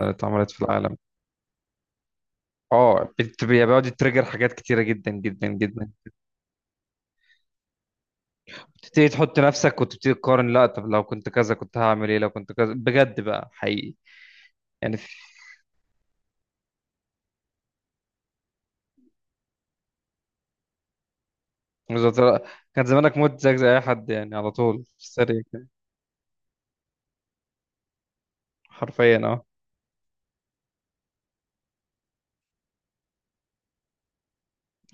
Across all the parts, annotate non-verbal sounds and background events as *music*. اتعملت في العالم. اه، بيقعد يتريجر حاجات كتيرة جدا جدا جدا. تبتدي تحط نفسك وتبتدي تقارن، لا طب لو كنت كذا كنت هعمل ايه، لو كنت كذا بجد بقى حقيقي. يعني في. بالظبط. كان زمانك مت زيك زي اي حد يعني، على طول في السريع كده. حرفيا اه.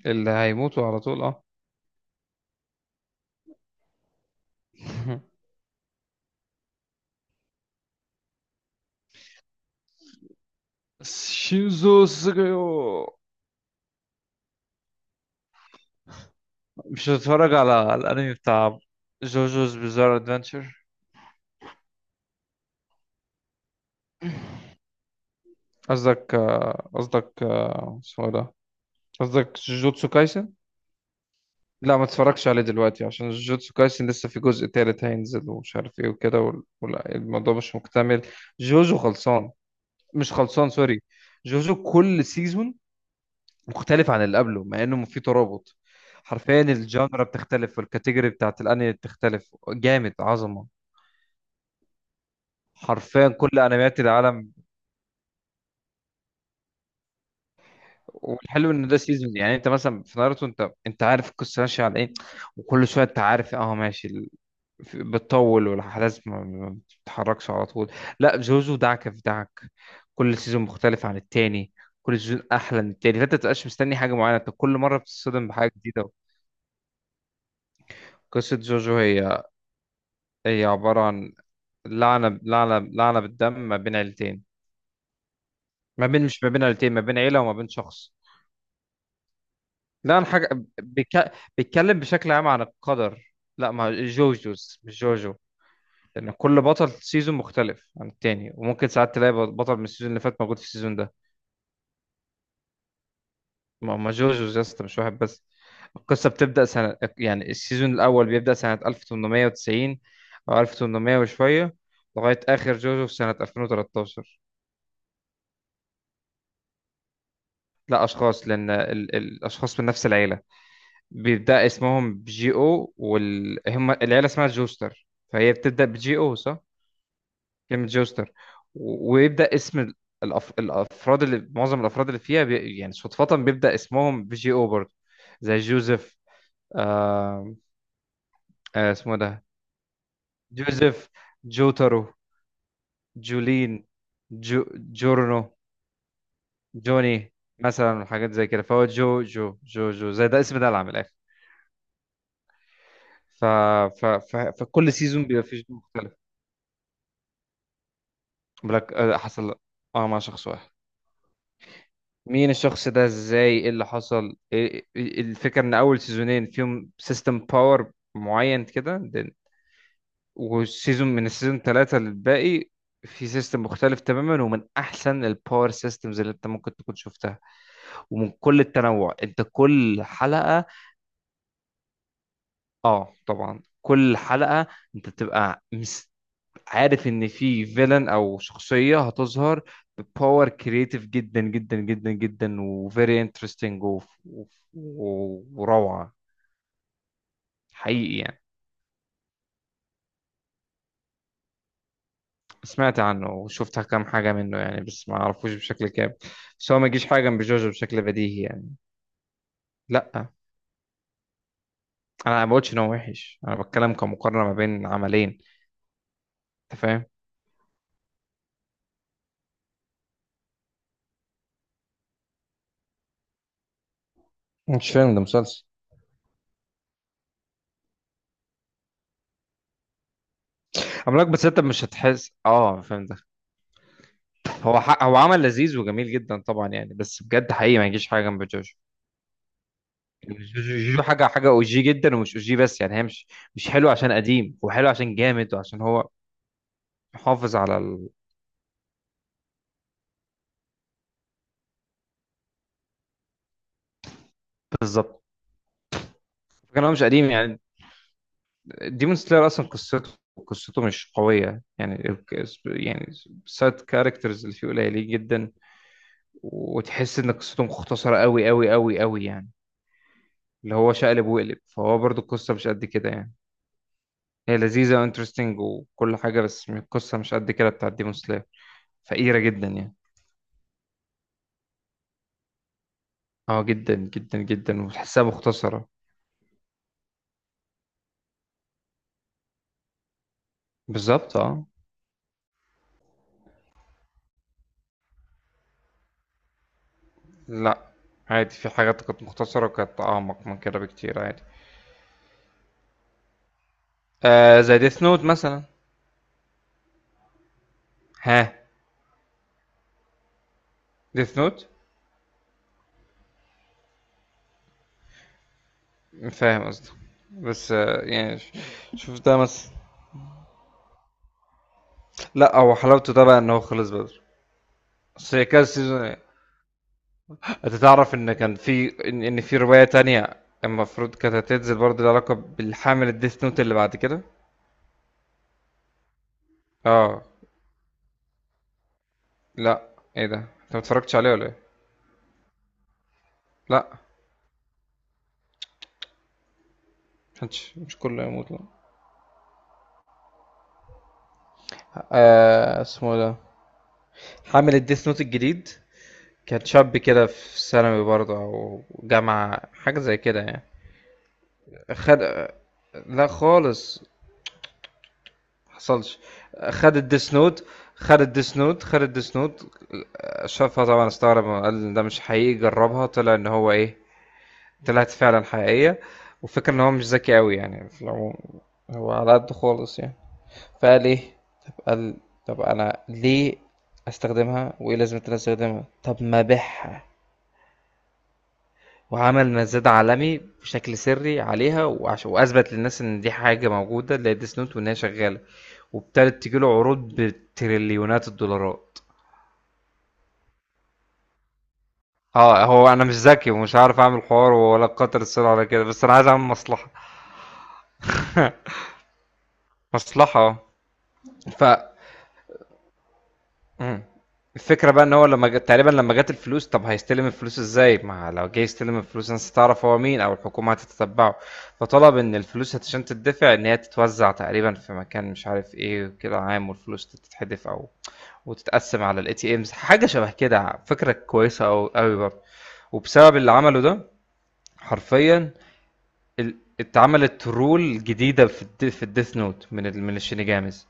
اللي هيموتوا على طول اه. *laughs* شيوزو سوجيو. مش هتتفرج على الانمي بتاع جوجوز بيزار ادفنتشر؟ قصدك آه، اسمه إيه ده، قصدك جوجوتسو كايسن. لا ما تتفرجش عليه دلوقتي عشان جوجوتسو كايسن لسه في جزء تالت هينزل ومش عارف ايه وكده، وال- والموضوع مش مكتمل. جوجو خلصان، مش خلصان، سوري. جوجو كل سيزون مختلف عن اللي قبله مع انه في ترابط. حرفيا الجانرا بتختلف والكاتيجوري بتاعت الانمي بتختلف جامد، عظمة حرفيا كل انميات العالم. والحلو ان ده سيزون، يعني انت مثلا في ناruto انت عارف القصه ماشيه على ايه، وكل شويه انت عارف اه ماشي، بتطول والاحداث ما بتتحركش على طول. لا جوجو دعكه في دعك، كل سيزون مختلف عن التاني، كل سيزون احلى من التاني، فانت متبقاش مستني حاجه معينه، انت كل مره بتتصدم بحاجه جديده. قصه جوجو هي، هي عباره عن لعنه لعنه بالدم ما بين عيلتين. ما بين مش ما بين عيلتين، ما بين عيله وما بين شخص، لا عن حاجه. بيك- بيتكلم بشكل عام عن القدر. لا ما جوجوز مش جوجو، لان كل بطل سيزون مختلف عن التاني وممكن ساعات تلاقي بطل من السيزون اللي فات موجود في السيزون ده. ما جوجوز يا اسطى مش واحد بس. القصة بتبدأ سنة، يعني السيزون الأول بيبدأ سنة 1890 أو 1800 وشوية، لغاية آخر جوجو في سنة 2013. لا أشخاص، لأن الأشخاص من نفس العيلة بيبدأ اسمهم بجي أو، هم العيلة اسمها جوستر، فهي بتبدأ بجي أو صح؟ كلمة جوستر. و... ويبدأ اسم الأفراد، اللي معظم الأفراد اللي فيها يعني صدفة بيبدأ اسمهم بجي أو برضه، زي جوزيف. آه... اسمه ده جوزيف، جوترو، جولين، جو، جورنو، جوني، مثلا حاجات زي كده، فهو جو جو جو جو زي ده اسم ده العام من الاخر. ف... ف... ف... فكل سيزون بيبقى فيه جو مختلف. بلاك آه، حصل، اه مع شخص واحد. مين الشخص ده ازاي، ايه اللي حصل، الفكره ان اول سيزونين فيهم سيستم باور معين كده، then، والسيزون من السيزون ثلاثة للباقي في سيستم مختلف تماما، ومن احسن الباور سيستمز اللي انت ممكن تكون شفتها، ومن كل التنوع انت كل حلقة. اه طبعا، كل حلقة انت بتبقى عارف ان في فيلن او شخصية هتظهر بباور كرييتيف جدا جدا جدا جدا وفيري انترستنج وروعة، حقيقي يعني. سمعت عنه وشفت كام حاجة منه يعني، بس ما اعرفوش بشكل كامل، بس هو ما يجيش حاجة جنب جوجو بشكل بديهي يعني. لا انا ما بقولش ان هو وحش، انا بتكلم كمقارنة ما بين عملين، انت فاهم. مش فيلم ده، مسلسل عملاق، بس انت مش هتحس اه فهمت. هو عمل لذيذ وجميل جدا طبعا يعني، بس بجد حقيقي ما يجيش حاجه جنب جوجو. يعني جوجو حاجه حاجه او جي جدا، ومش او جي بس يعني، هي مش، مش حلو عشان قديم، وحلو عشان جامد وعشان هو محافظ على ال... بالظبط. كان هو مش قديم يعني. ديمون سلاير اصلا قصته مش قويه يعني، يعني سايد كاركترز اللي فيه قليلين جدا، وتحس ان قصته مختصره قوي قوي قوي قوي يعني، اللي هو شقلب وقلب، فهو برضو القصه مش قد كده يعني. هي لذيذة وانترستنج وكل حاجة، بس القصة مش قد كده بتاعت ديمون سلاير، فقيرة جدا يعني. اه جدا جدا جدا، وتحسها مختصرة. بالظبط اه. لا عادي، في حاجات كانت مختصرة وكانت أعمق من كده بكتير عادي. آه زي ديث نوت مثلا. ها. ديث نوت، فاهم قصدي. بس آه يعني شوف ده مثلا. لا هو حلاوته ده بقى إن هو خلص بدري، بس هي كذا سيزون. انت تعرف ان كان في ان إن في رواية تانية المفروض كانت هتنزل برضه، لها علاقة بالحامل الديث نوت اللي بعد كده. اه. لا ايه ده، انت ما اتفرجتش عليه ولا ايه؟ لا، مش كله يموت لا. آه اسمه ده حامل الديث نوت الجديد، كان شاب كده في ثانوي برضه او جامعة حاجة زي كده يعني. خد. لا خالص، حصلش. خد الديس نوت خد الديس نوت خد الديس نوت. شافها طبعا استغرب، قال إن ده مش حقيقي، جربها طلع ان هو ايه، طلعت فعلا حقيقية. وفكر ان هو مش ذكي قوي يعني في العموم، هو على قد خالص يعني، فقال ايه، طب قال طب انا ليه استخدمها، وايه لازمة إن انا استخدمها، طب ما ابيعها. وعمل مزاد عالمي بشكل سري عليها، واثبت للناس ان دي حاجه موجوده، اللي هي ديس نوت، وان هي شغاله. وابتدت تجيله عروض بتريليونات الدولارات. اه، هو انا مش ذكي، ومش عارف اعمل حوار ولا قطر السر ولا كده، بس انا عايز اعمل مصلحه، مصلحه اه. امم، الفكرة بقى ان هو لما جت تقريبا لما جت الفلوس، طب هيستلم الفلوس ازاي؟ ما لو جه يستلم الفلوس الناس هتعرف هو مين، او الحكومة هتتتبعه. فطلب ان الفلوس عشان تدفع ان هي تتوزع تقريبا في مكان مش عارف ايه كده عام، والفلوس تتحدف او وتتقسم على الاي تي امز، حاجة شبه كده، فكرة كويسة او قوي برضه. وبسبب اللي عمله ده، حرفيا، اتعملت رول جديدة في في الديث نوت من من الشينيجاميز.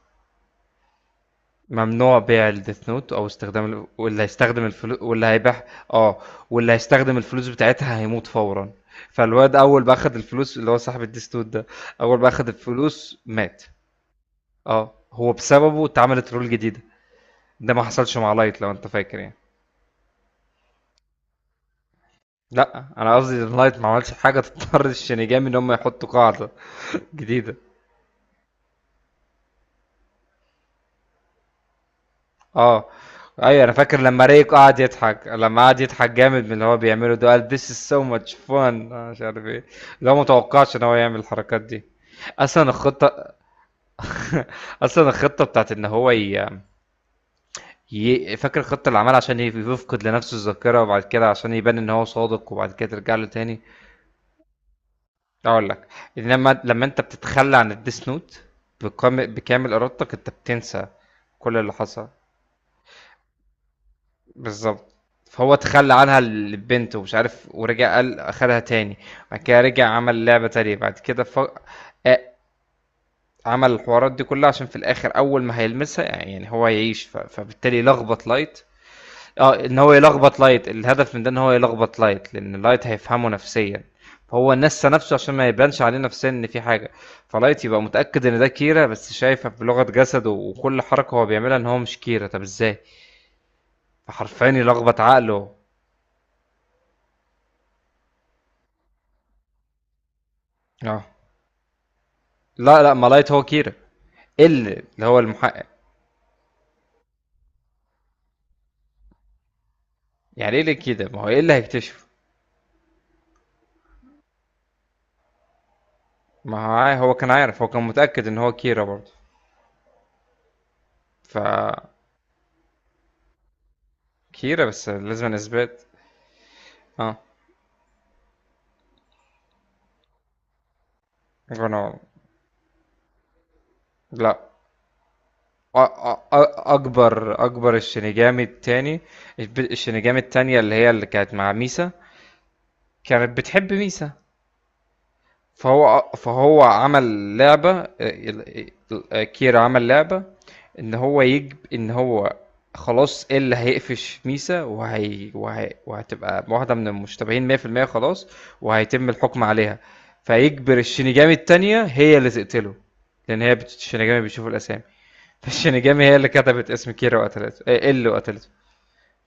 ممنوع بيع الديث نوت او استخدام واللي هيستخدم الفلوس واللي هيبيع، اه، واللي هيستخدم الفلوس بتاعتها هيموت فورا. فالواد اول ما اخد الفلوس، اللي هو صاحب الديث نوت ده، اول ما اخد الفلوس مات. اه هو بسببه اتعملت رول جديدة، ده ما حصلش مع لايت لو انت فاكر يعني. لا انا قصدي ان لايت ما عملش حاجة تضطر الشينيجامي ان هم يحطوا قاعدة *laughs* جديدة. آه. أيوه أنا فاكر لمّا ريك قعد يضحك، لمّا قعد يضحك جامد من اللي هو بيعمله ده، قال this is so much fun، أنا مش عارف إيه، اللي هو ما توقعش إن هو يعمل الحركات دي. أصلًا الخطة *laughs* أصلًا الخطة بتاعة إن هو ي فاكر الخطة اللي عملها عشان يفقد لنفسه الذاكرة، وبعد كده عشان يبان إن هو صادق، وبعد كده ترجع له تاني؟ هاقول لك. إنما لمّا أنت بتتخلى عن الdeath note بكام بكامل إرادتك أنت بتنسى كل اللي حصل. بالظبط. فهو تخلى عنها لبنته ومش عارف، ورجع قال اخدها تاني، بعد كده رجع عمل لعبة تانية بعد كده ف... آه، عمل الحوارات دي كلها، عشان في الاخر اول ما هيلمسها يعني هو هيعيش فبالتالي يلخبط لايت. اه، ان هو يلخبط لايت، الهدف من ده ان هو يلخبط لايت، لان لايت هيفهمه نفسيا. فهو نسى نفسه عشان ما يبانش عليه نفسيا ان في حاجة، فلايت يبقى متأكد ان ده كيرا، بس شايفه بلغة جسده وكل حركة هو بيعملها ان هو مش كيرا، طب ازاي، فحرفيا يلخبط عقله. اه. لا ما لايت هو كيرا، اللي هو المحقق. يعني ايه اللي كده، ما هو ايه اللي هيكتشفه، ما هو هو كان عارف، هو كان متأكد ان هو كيرا برضه، ف كيرا بس لازم اثبات. اه. انا. لا. اكبر، الشينيجامي التاني، الشينيجامي التانية اللي هي اللي كانت مع ميسا، كانت بتحب ميسا. فهو عمل لعبة، كير عمل لعبة، إن هو يجب إن هو خلاص، إيه اللي هيقفش ميسا، وهتبقى واحدة من المشتبهين 100% خلاص، وهيتم الحكم عليها. فيجبر الشينيجامي التانية هي اللي تقتله، لأن هي الشينيجامي بيشوف الأسامي. فالشينيجامي هي اللي كتبت اسم كيرا وقتلته، إيه اللي قتلته.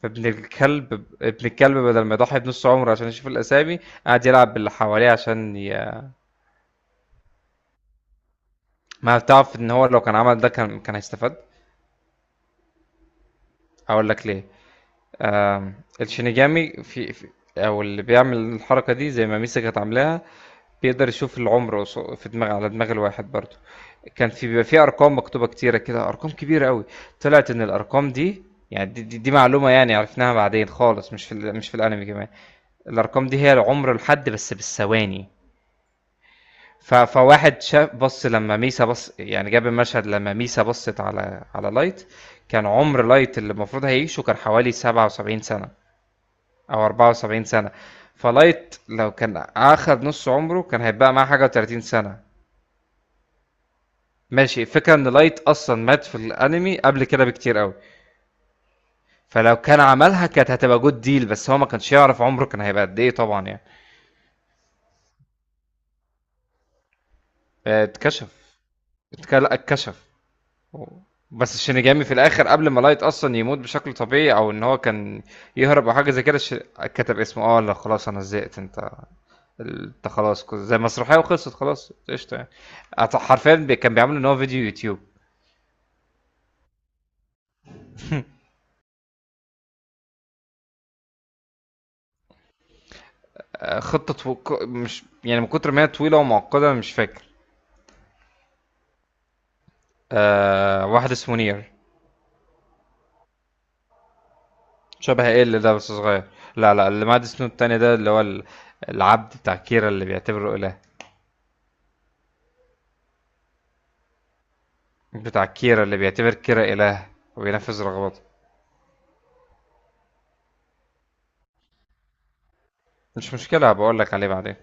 فابن الكلب ابن الكلب بدل ما يضحي بنص عمره عشان يشوف الأسامي، قعد يلعب باللي حواليه عشان ما بتعرف ان هو لو كان عمل ده كان هيستفاد. هقول لك ليه. آم، الشينيجامي في، او اللي بيعمل الحركه دي زي ما ميسا كانت عاملاها، بيقدر يشوف العمر، في دماغ، على دماغ الواحد برضه. كان في، بيبقى في ارقام مكتوبه كتيره كده، ارقام كبيره قوي، طلعت ان الارقام دي، يعني دي معلومه يعني عرفناها بعدين خالص، مش في مش في الانمي كمان. الارقام دي هي العمر الحد بس بالثواني. فواحد شاف، بص لما ميسا بص يعني، جاب المشهد لما ميسا بصت على على لايت، كان عمر لايت اللي المفروض هيعيشه كان حوالي 77 سنة أو 74 سنة. فلايت لو كان أخد نص عمره كان هيبقى معاه حاجة و30 سنة. ماشي، الفكرة إن لايت أصلا مات في الأنمي قبل كده بكتير قوي، فلو كان عملها كانت هتبقى جود ديل، بس هو ما كانش يعرف عمره كان هيبقى قد إيه طبعا يعني. آه، اتكشف، اتكشف. أوه. بس الشينيجامي في الاخر قبل ما لايت اصلا يموت بشكل طبيعي، او ان هو كان يهرب او حاجه زي كده، كتب اسمه. اه لا خلاص انا زهقت، انت انت خلاص زي مسرحيه وخلصت خلاص قشطه يعني. حرفيا كان بيعمل ان هو فيديو يوتيوب. آه، خطه مش يعني من كتر ما هي طويله ومعقده مش فاكر. آه واحد اسمه نير. شبه ايه اللي ده، بس صغير. لا اللي معاه اسمه التاني ده اللي هو العبد بتاع كيرا اللي بيعتبره اله. بتاع كيرا اللي بيعتبر كيرا اله، وبينفذ رغباته. مش مشكلة، بقول لك عليه بعدين.